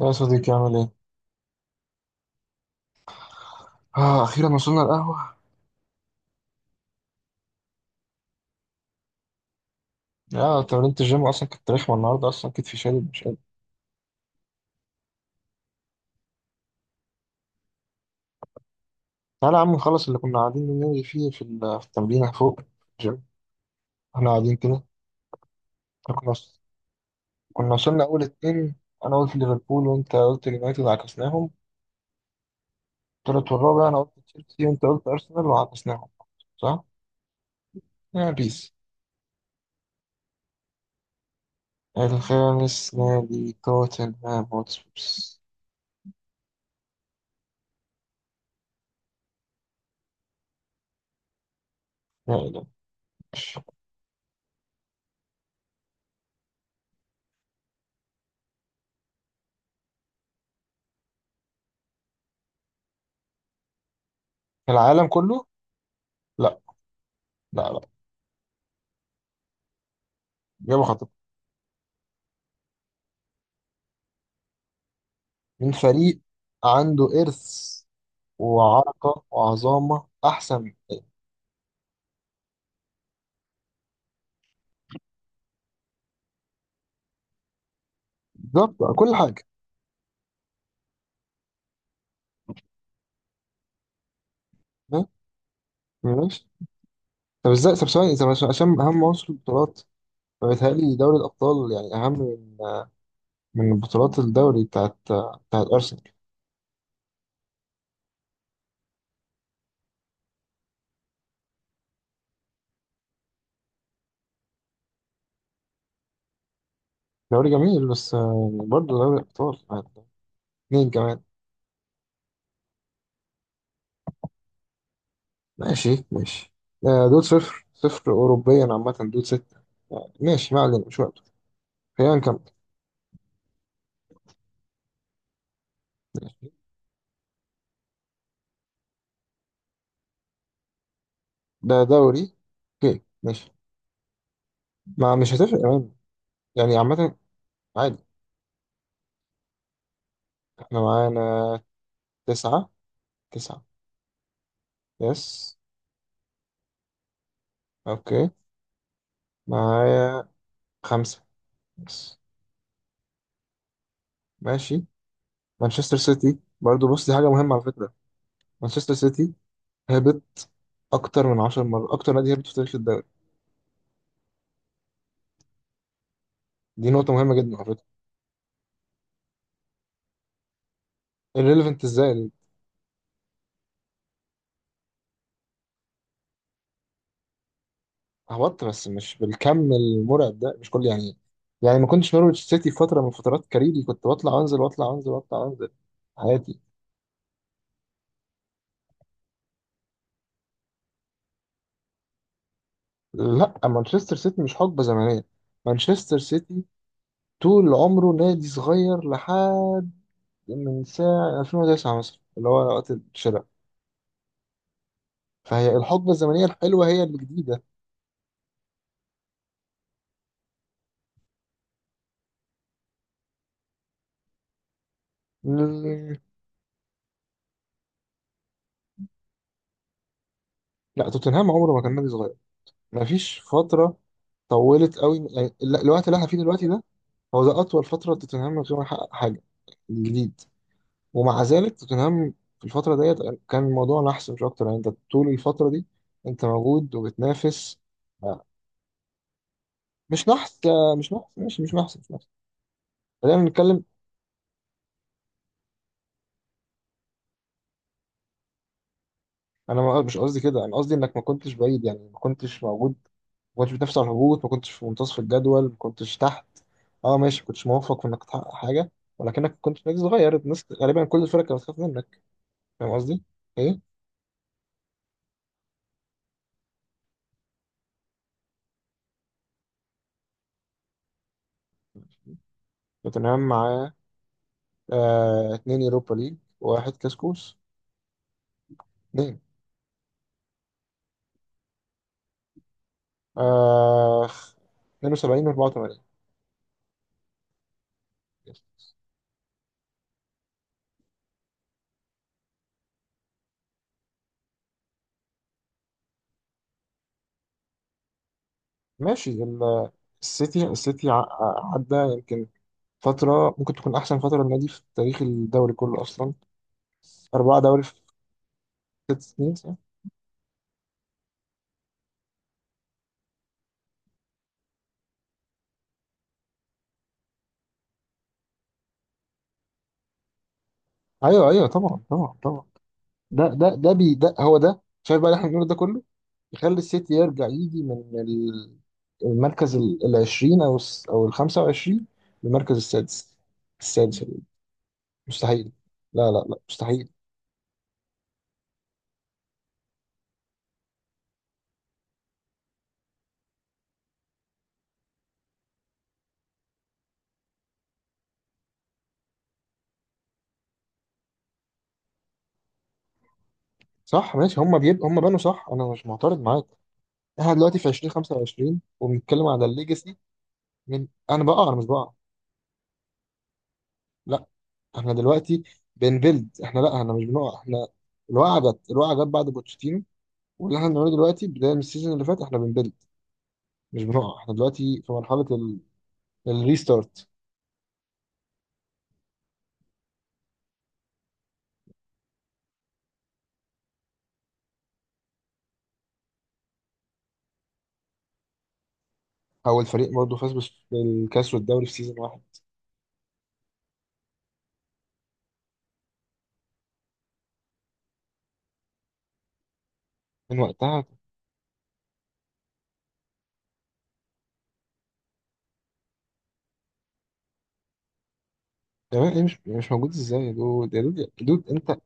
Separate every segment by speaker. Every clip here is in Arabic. Speaker 1: يا صديقي عامل ايه؟ اه، اخيرا وصلنا القهوة. اه، تمرينة الجيم اصلا كانت رخمة النهاردة، اصلا كتفي شادد مش قادر. تعالى يا عم نخلص اللي كنا قاعدين بنلغي فيه في التمرين فوق الجيم. احنا قاعدين كده. إحنا كنا وصلنا اول اتنين. انا قلت ليفربول وانت قلت يونايتد، عكسناهم. التالت والرابع انا قلت تشيلسي وانت قلت ارسنال، وعكسناهم. صح؟ يا بيس. الخامس نادي توتنهام هوتسبيرز. يا إلهي. العالم كله؟ لا، لا. إجابة خاطئة. من فريق عنده إرث وعرقة وعظامة أحسن. بالظبط، كل حاجة. فاهم؟ ماشي. طب ازاي؟ طب ثواني، طب عشان أهم عنصر البطولات، فبيتهيألي دوري الأبطال يعني أهم من بطولات الدوري بتاعت أرسنال. دوري جميل، بس آه، برضه دوري الأبطال يعني. اتنين كمان. ماشي. آه، دول صفر صفر أوروبيا عامة، دول ستة. آه، ماشي، ما علينا، مش وقته. خلينا نكمل. ماشي. ده دوري. اوكي ماشي. ما مش هتفرق يعني. يعني عامة. عادي. احنا معانا تسعة. تسعة. يس. اوكي. معايا خمسة. يس. ماشي. مانشستر سيتي برضو، بص دي حاجة مهمة على فكرة. مانشستر سيتي هبط أكتر من 10 مرات، أكتر نادي هبط في تاريخ الدوري. دي نقطة مهمة جدا على فكرة. irrelevant ازاي؟ هبط بس مش بالكم المرعب ده، مش كل يعني. يعني ما كنتش نورويتش سيتي في فترة من فترات كاريري، كنت بطلع وانزل واطلع وانزل واطلع وانزل حياتي. لا، مانشستر سيتي مش حقبة زمنية. مانشستر سيتي طول عمره نادي صغير لحد من ساعة 2009 مثلا، اللي هو وقت الشراء. فهي الحقبة الزمنية الحلوة هي الجديدة. مم، لا، توتنهام عمره ما كان نادي صغير. مفيش فترة طولت قوي يعني الوقت اللي احنا فيه دلوقتي ده. هو ده أطول فترة توتنهام من غير ما يحقق حاجة جديد. ومع ذلك توتنهام في الفترة ديت كان الموضوع نحس مش أكتر، يعني أنت طول الفترة دي أنت موجود وبتنافس. آه، مش نحس، آه، مش نحس، ماشي، مش نحس، مش نحس. خلينا نتكلم. انا مش قصدي كده، انا قصدي انك ما كنتش بعيد يعني، ما كنتش موجود. ما كنتش بتنافس على الهبوط، ما كنتش في منتصف الجدول، ما كنتش تحت. اه ماشي، ما كنتش موفق في انك تحقق حاجه، ولكنك كنت نجم صغير، الناس غالبا كل الفرق كانت بتخاف منك. فاهم قصدي؟ ايه؟ توتنهام معاه آه اتنين يوروبا ليج وواحد كسكوس. اتنين. آه 72 و 84. ماشي السيتي. السيتي عدى يمكن فترة ممكن تكون أحسن فترة للنادي في تاريخ الدوري كله أصلا. أربعة دوري في ست سنين، صح؟ أيوه أيوه، طبعا طبعا طبعا. ده هو ده، شايف بقى اللي إحنا بنقوله ده كله. يخلي السيتي يرجع يجي من المركز ال 20 أو ال 25 للمركز السادس. السادس مستحيل، لا مستحيل. صح ماشي، هم بيب هم بنوا، صح، أنا مش معترض معاك. إحنا دلوقتي في 2025 وبنتكلم على الليجاسي من أنا بقع؟ أنا مش بقع. لا احنا دلوقتي بنبيلد، احنا لا احنا مش بنقع، احنا الوقعه جت، الوقعه جت بعد بوتشيتينو. واللي احنا بنعمله دلوقتي بداية من السيزون اللي فات احنا بنبيلد مش بنقع. احنا دلوقتي في مرحلة ال... الريستارت. هو الفريق برضه فاز بالكاس والدوري في سيزون واحد. من وقتها تمام. ايه مش يعني مش موجود ازاي؟ يا دود انت.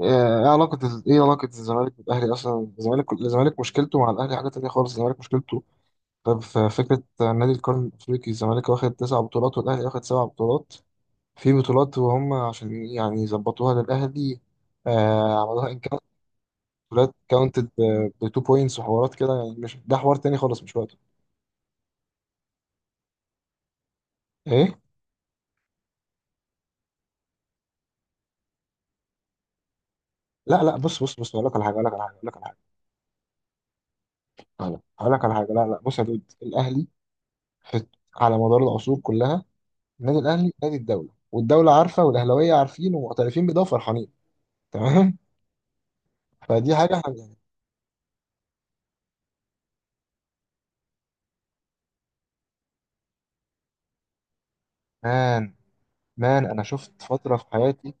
Speaker 1: آه، ايه علاقة ايه علاقة الزمالك بالاهلي اصلا؟ الزمالك مشكلته مع الاهلي حاجة تانية خالص. الزمالك مشكلته طب في فكرة نادي القرن الافريقي، الزمالك واخد 9 بطولات والاهلي واخد 7 بطولات. في بطولات وهم عشان يعني يظبطوها للاهلي، آه عملوها فلات كاونتد بتو بوينتس وحوارات كده يعني. مش ده حوار تاني خالص، مش وقته. ايه. لا لا، بص بص بص، اقول لك على حاجه، أنا هقول لك على حاجه. لا لا، بص يا دود الاهلي في على مدار العصور كلها، النادي الاهلي نادي الدوله، والدوله عارفه والاهلاويه عارفين ومعترفين بده وفرحانين، تمام. فدي حاجه احنا يعني. مان مان انا شفت فتره في حياتي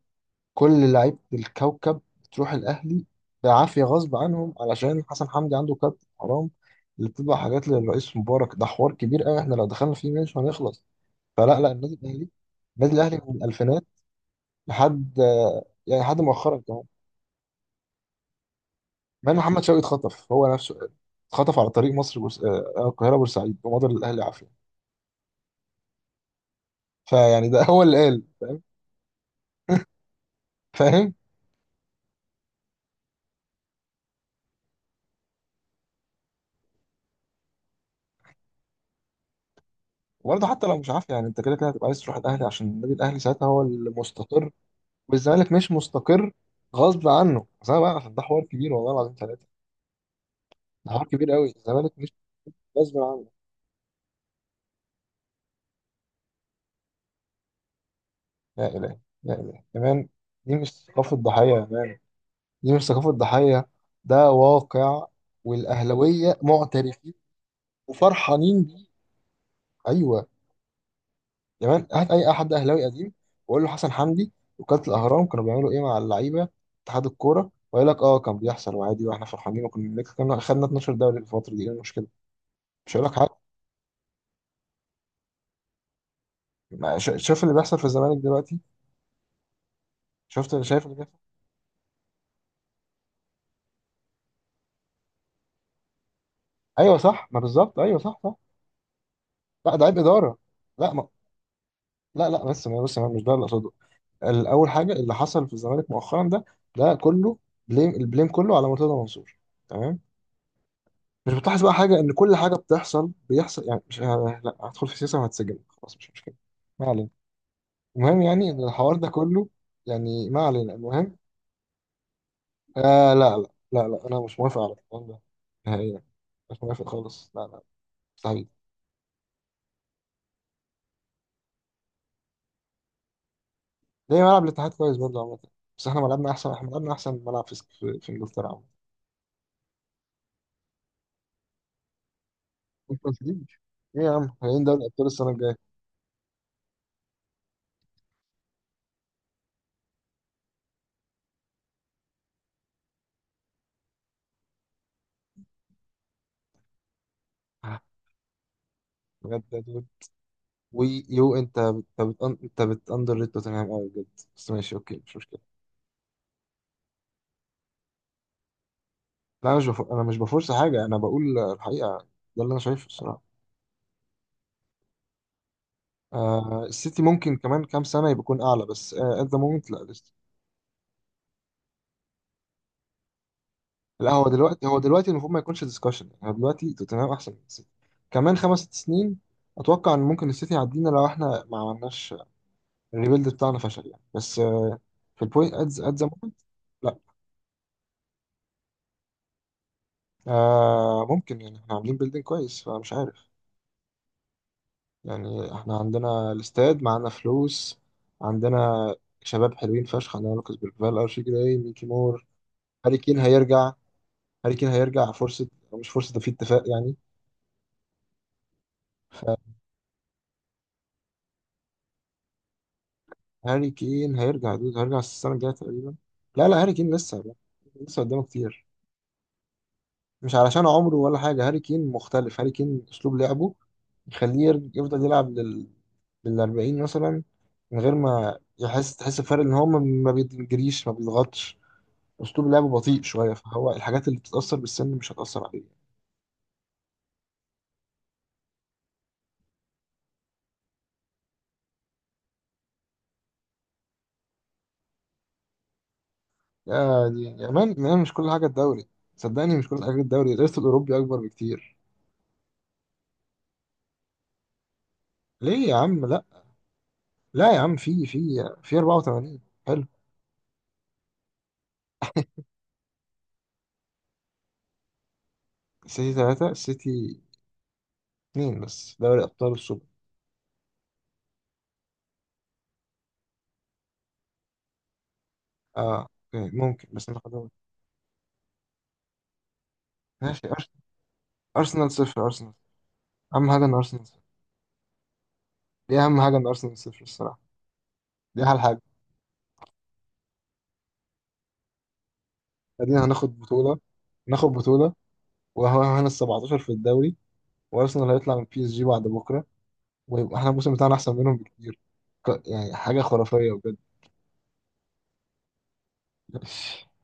Speaker 1: كل لعيبة الكوكب بتروح الأهلي بعافية غصب عنهم، علشان حسن حمدي عنده كابتن حرام اللي بتطبع حاجات للرئيس مبارك. ده حوار كبير قوي، احنا لو دخلنا فيه مش هنخلص. فلا لا النادي الأهلي، النادي الأهلي من الألفينات لحد يعني لحد مؤخرا كمان، مع إن محمد شوقي اتخطف هو نفسه، اتخطف على طريق آه، آه، القاهرة بورسعيد ومضى للأهلي عافية. فيعني ده هو اللي قال. فاهم؟ فاهم. وبرضه حتى لو مش عافية يعني، انت كده كده هتبقى عايز تروح الأهلي عشان النادي الأهلي ساعتها هو المستقر والزمالك مش مستقر غصب عنه. بس انا بقى ده حوار كبير، والله العظيم ثلاثه ده حوار كبير قوي. الزمالك مش غصب عنه. لا اله، لا اله يا مان. دي مش ثقافه ضحيه يا مان، دي مش ثقافه ضحيه. ده واقع والاهلاويه معترفين وفرحانين بيه. ايوه. يا مان هات اي حد اهلاوي قديم وقول له حسن حمدي وكاله الاهرام كانوا بيعملوا ايه مع اللعيبه اتحاد الكوره، ويقول لك اه كان بيحصل وعادي واحنا فرحانين وكنا بنكسب. كنا خدنا 12 دوري في الفتره دي، ايه المشكله؟ مش هقول لك حاجه. ما شا- شايف اللي بيحصل في الزمالك دلوقتي؟ شفت اللي شايف اللي بيحصل؟ ايوه صح، ما بالظبط، ايوه صح صح. لا ده عيب اداره. لا ما لا لا، بس ما بس ما مش ده اللي اقصده. الاول حاجه، اللي حصل في الزمالك مؤخرا ده ده كله بليم، البليم كله على مرتضى منصور، تمام. مش بتلاحظ بقى حاجه ان كل حاجه بتحصل بيحصل يعني، مش آه، لا هدخل في سياسه وهتسجن، خلاص مش مشكله، ما علينا. المهم يعني ان الحوار ده كله يعني، ما علينا. المهم آه لا لا لا لا، انا مش موافق على الكلام ده نهائيا. مش موافق خالص، لا لا، مستحيل. ليه، ملعب الاتحاد كويس برضه عامة، بس احنا ملعبنا احسن. احنا ملعبنا احسن ملعب في في انجلترا عامة. ما تنسيش، ايه يا عم، هيلاقيين دوري ابطال السنة الجاية. آه، بجد يا دود، ويو انت بت- انت بت انت بتأندر ريت توتنهام قوي بجد. بس ماشي اوكي، مش مشكلة. لا انا مش بفر... انا مش بفرص حاجة، انا بقول الحقيقة، ده اللي انا شايفه الصراحة. آه السيتي ممكن كمان كام سنة يبقى يكون اعلى، بس آه at the moment لا. لا هو دلوقتي، هو دلوقتي المفروض ما يكونش ديسكشن يعني، هو دلوقتي توتنهام احسن من السيتي. كمان خمس ست سنين اتوقع ان ممكن السيتي يعدينا لو احنا ما عملناش الريبيلد بتاعنا، فشل يعني، بس آه، في البوينت ادز مومنت. لا، آه ممكن يعني، احنا عاملين بيلدينج كويس فمش عارف. يعني احنا عندنا الاستاد، معانا فلوس، عندنا شباب حلوين فشخ، عندنا لوكاس بالفال، ارشي جراي، ميكي مور. هاري كين هيرجع. هاري كين هيرجع فرصة. مش فرصة، ده في اتفاق يعني. هاري كين هيرجع يا دود، هيرجع السنة الجاية تقريبا. لا لا، هاري كين لسه لا. لسه قدامه كتير. مش علشان عمره ولا حاجة، هاري كين مختلف. هاري كين أسلوب لعبه يخليه يفضل يلعب للـ40 مثلا، من غير ما يحس تحس بفرق إن هو ما بيجريش ما بيضغطش. أسلوب لعبه بطيء شوية، فهو الحاجات اللي بتتأثر بالسن مش هتأثر عليه. يا دي يا مان، مش كل حاجة الدوري. صدقني مش كل حاجة الدوري، الإرث الأوروبي أكبر بكتير. ليه يا عم؟ لا، لا يا عم، في في 84. حلو. السيتي ثلاثة، السيتي اثنين بس دوري أبطال السوبر. اه، اوكي ممكن، بس ناخد دوري. ماشي أرسنال صفر. أرسنال، أهم حاجة إن أرسنال صفر. دي أهم حاجة، إن أرسنال صفر الصراحة. دي أحلى حاجة. بعدين هناخد بطولة. ناخد بطولة وهو هنا ال 17 في الدوري، وأرسنال هيطلع من بي اس جي بعد بكرة، ويبقى احنا الموسم بتاعنا أحسن منهم بكتير. ك- يعني حاجة خرافية بجد.